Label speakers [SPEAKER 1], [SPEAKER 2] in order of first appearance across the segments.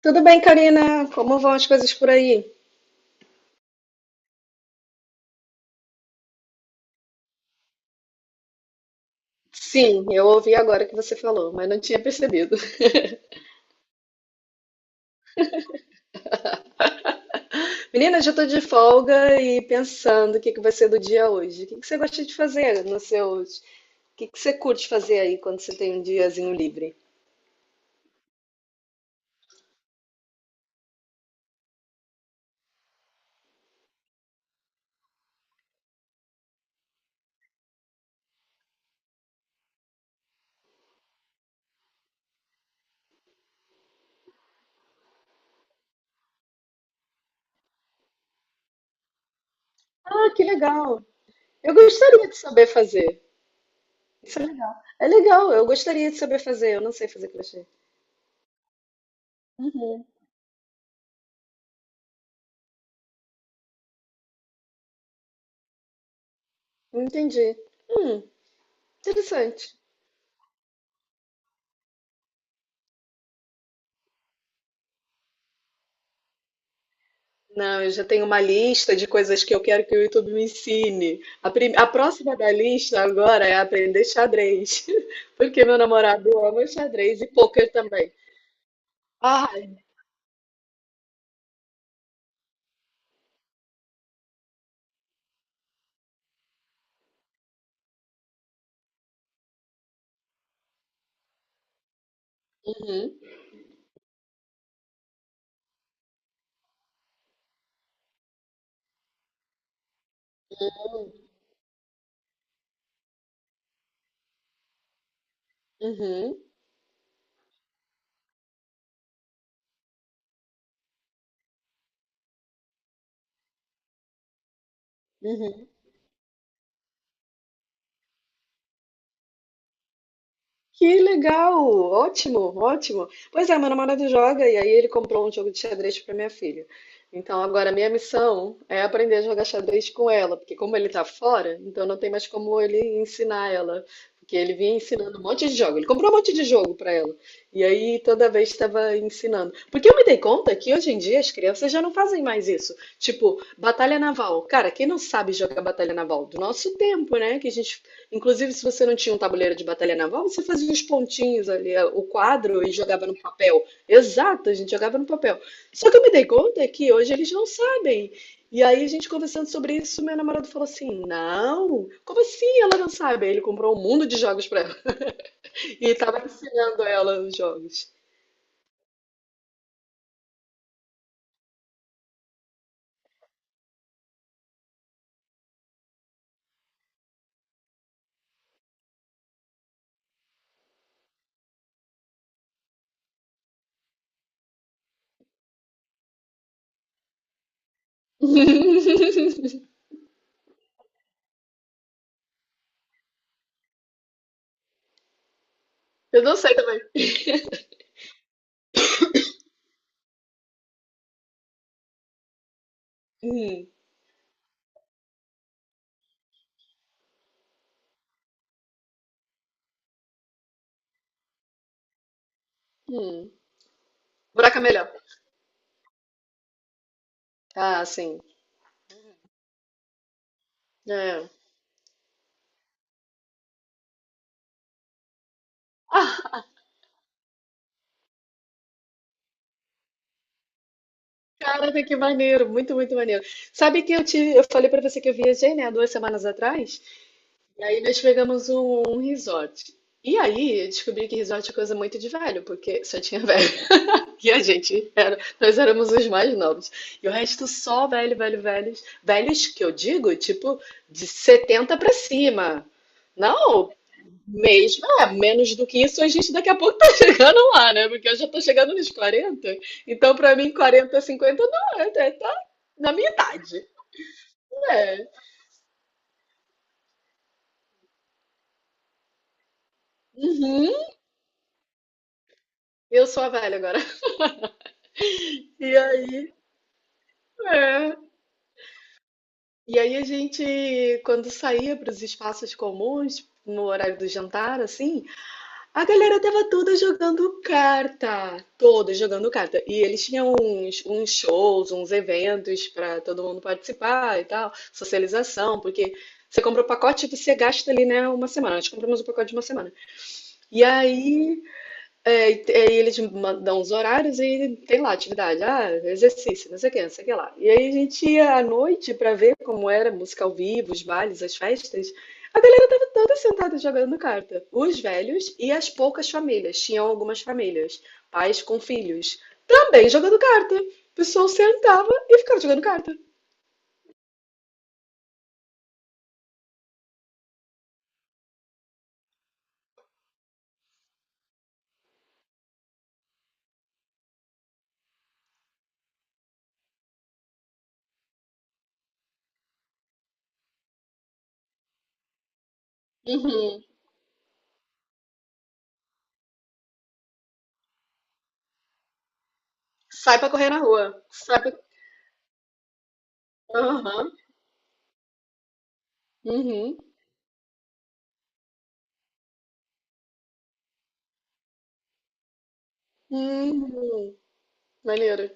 [SPEAKER 1] Tudo bem, Karina? Como vão as coisas por aí? Sim, eu ouvi agora que você falou, mas não tinha percebido. Menina, já estou de folga e pensando o que que vai ser do dia hoje. O que que você gosta de fazer nos seus... O que que você curte fazer aí quando você tem um diazinho livre? Ah, que legal! Eu gostaria de saber fazer. Isso é legal. É legal, eu gostaria de saber fazer. Eu não sei fazer crochê. Uhum. Entendi. Hum, Interessante. Não, eu já tenho uma lista de coisas que eu quero que o YouTube me ensine. A próxima da lista agora é aprender xadrez, porque meu namorado ama xadrez e pôquer também. Ah, uhum, uhum, uhum. Que legal! Ótimo, ótimo. Pois é, meu namorado joga e aí ele comprou um jogo de xadrez para minha filha. Então agora a minha missão é aprender a jogar xadrez com ela, porque como ele tá fora, então não tem mais como ele ensinar ela, porque ele vinha ensinando um monte de jogo. Ele comprou um monte de jogo para ela. E aí toda vez estava ensinando. Porque eu me dei conta que hoje em dia as crianças já não fazem mais isso. Tipo, batalha naval. Cara, quem não sabe jogar batalha naval? Do nosso tempo, né? Que a gente inclusive, se você não tinha um tabuleiro de batalha naval, você fazia os pontinhos ali, o quadro, e jogava no papel. Exato, a gente jogava no papel. Só que eu me dei conta que hoje eles não sabem. E aí, a gente conversando sobre isso, meu namorado falou assim: Não, como assim ela não sabe? Aí ele comprou um mundo de jogos pra ela e tava ensinando ela os jogos. Eu não sei também. Hum, hum. Buraco é melhor. Ah, sim. É. Ah, caraca, que maneiro, muito, muito maneiro. Sabe que eu falei pra você que eu viajei, né, há duas semanas atrás, e aí nós pegamos um resort. E aí eu descobri que resort é coisa muito de velho, porque só tinha velho. E a gente era, nós éramos os mais novos. E o resto só velho, velho, velhos. Velhos que eu digo, tipo, de 70 pra cima. Não, mesmo, é, menos do que isso, a gente daqui a pouco tá chegando lá, né? Porque eu já tô chegando nos 40. Então, pra mim, 40, 50 não, é, tá na minha idade. É. Uhum. Eu sou a velha agora. E aí, é. E aí a gente, quando saía para os espaços comuns, no horário do jantar, assim, a galera tava toda jogando carta, toda jogando carta. E eles tinham uns, uns shows, uns eventos para todo mundo participar e tal, socialização, porque você compra o pacote e você gasta ali, né, uma semana. Nós compramos o pacote de uma semana. E aí é, aí eles mandam os horários e tem lá atividade, ah, exercício, não sei o que, não sei o que lá. E aí a gente ia à noite para ver como era a música ao vivo, os bailes, as festas. A galera tava toda sentada jogando carta. Os velhos e as poucas famílias, tinham algumas famílias, pais com filhos, também jogando carta. O pessoal sentava e ficava jogando carta. Uhum. Sai pra correr na rua. Sai pra... Aham. Uhum. Uhum. Maneiro.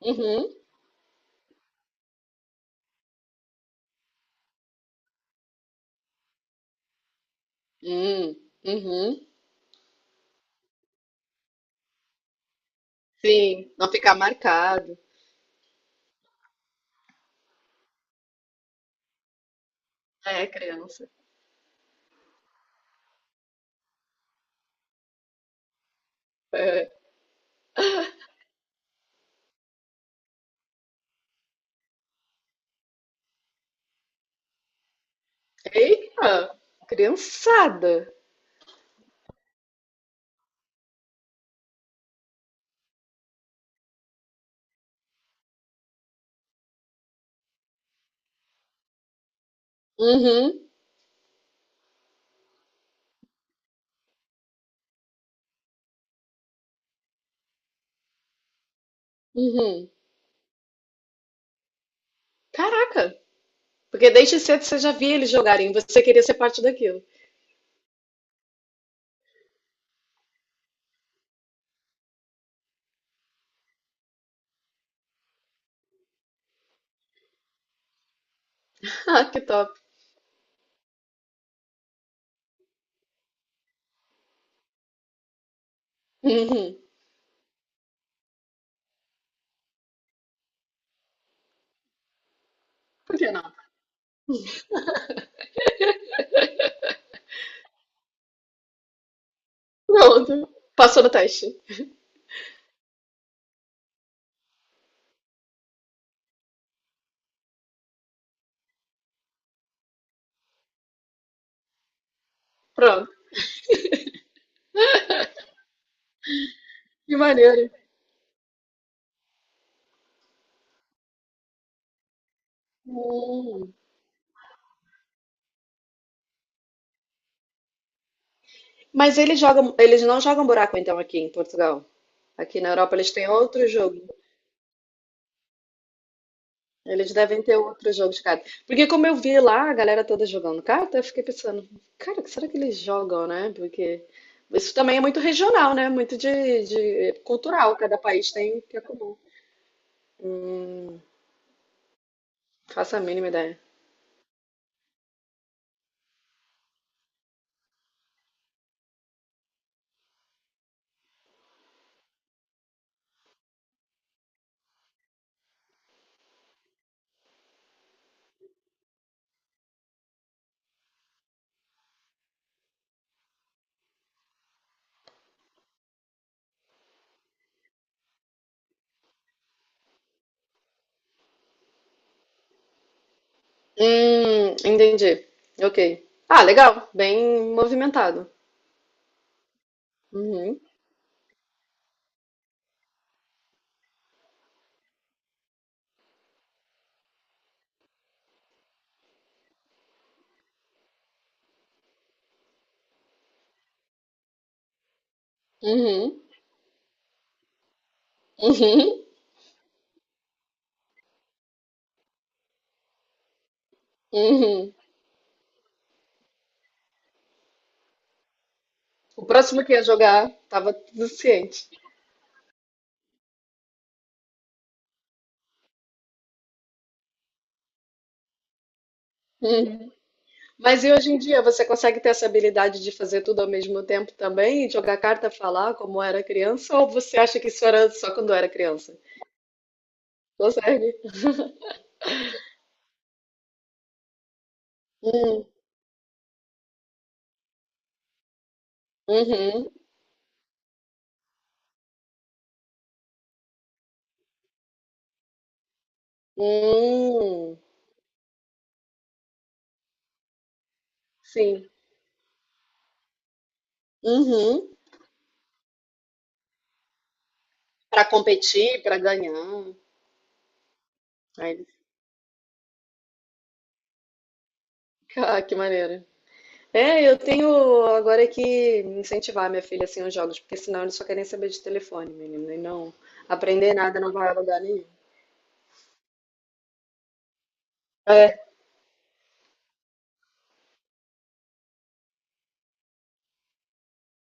[SPEAKER 1] Uhum. Uhum. Uhum. Sim, não ficar marcado. É, criança. É. Eita, criançada. Uhum, uhum. Caraca, porque desde cedo você já via eles jogarem, você queria ser parte daquilo. Ah, que top. Uhum. Por que não? Pronto, passou no teste. Pronto, que maneiro. Hum. Mas eles jogam, eles não jogam buraco então aqui em Portugal. Aqui na Europa eles têm outro jogo. Eles devem ter outros jogos de carta. Porque como eu vi lá a galera toda jogando carta, eu fiquei pensando, cara, o que será que eles jogam, né? Porque isso também é muito regional, né? Muito de cultural. Cada país tem o que é comum. Hum, faço a mínima ideia. Entendi. Ok. Ah, legal. Bem movimentado. Uhum, uhum, uhum, uhum. O próximo que ia jogar tava tudo ciente. Mas e hoje em dia, você consegue ter essa habilidade de fazer tudo ao mesmo tempo também? Jogar carta, falar como era criança? Ou você acha que isso era só quando era criança? Consegue? Hum, uhum, hum, sim, uhum. Para competir, para ganhar. Aí, ah, que maneiro. É, eu tenho agora que incentivar minha filha assim aos jogos, porque senão eles só querem saber de telefone, menina, e não aprender nada não vai a lugar nenhum.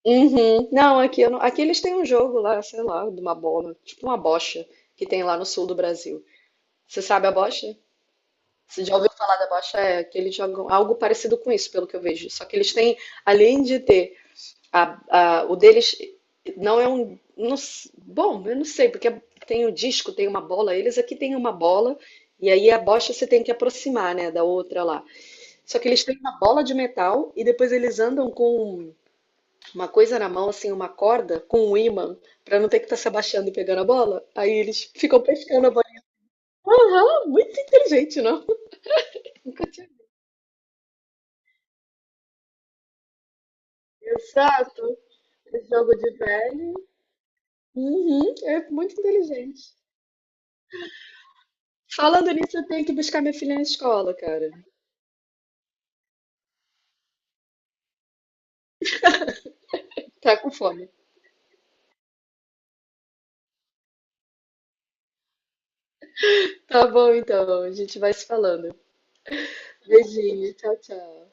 [SPEAKER 1] Uhum. Não, aqui, eu não- aqui eles têm um jogo lá, sei lá, de uma bola, tipo uma bocha, que tem lá no sul do Brasil. Você sabe a bocha? Você já ouviu falar da bocha? É, que eles jogam algo parecido com isso, pelo que eu vejo. Só que eles têm, além de ter o deles, não é um. Bom, eu não sei, porque tem o disco, tem uma bola, eles aqui têm uma bola, e aí a bocha você tem que aproximar, né, da outra lá. Só que eles têm uma bola de metal e depois eles andam com uma coisa na mão, assim, uma corda com um ímã, pra não ter que estar se abaixando e pegando a bola. Aí eles ficam pescando a bola. Aham, muito inteligente, não? Nunca tinha visto. Exato. Esse jogo de velho. Uhum, é muito inteligente. Falando nisso, eu tenho que buscar minha filha na escola, cara. Tá com fome. Tá bom, então. A gente vai se falando. Beijinho. Tchau, tchau.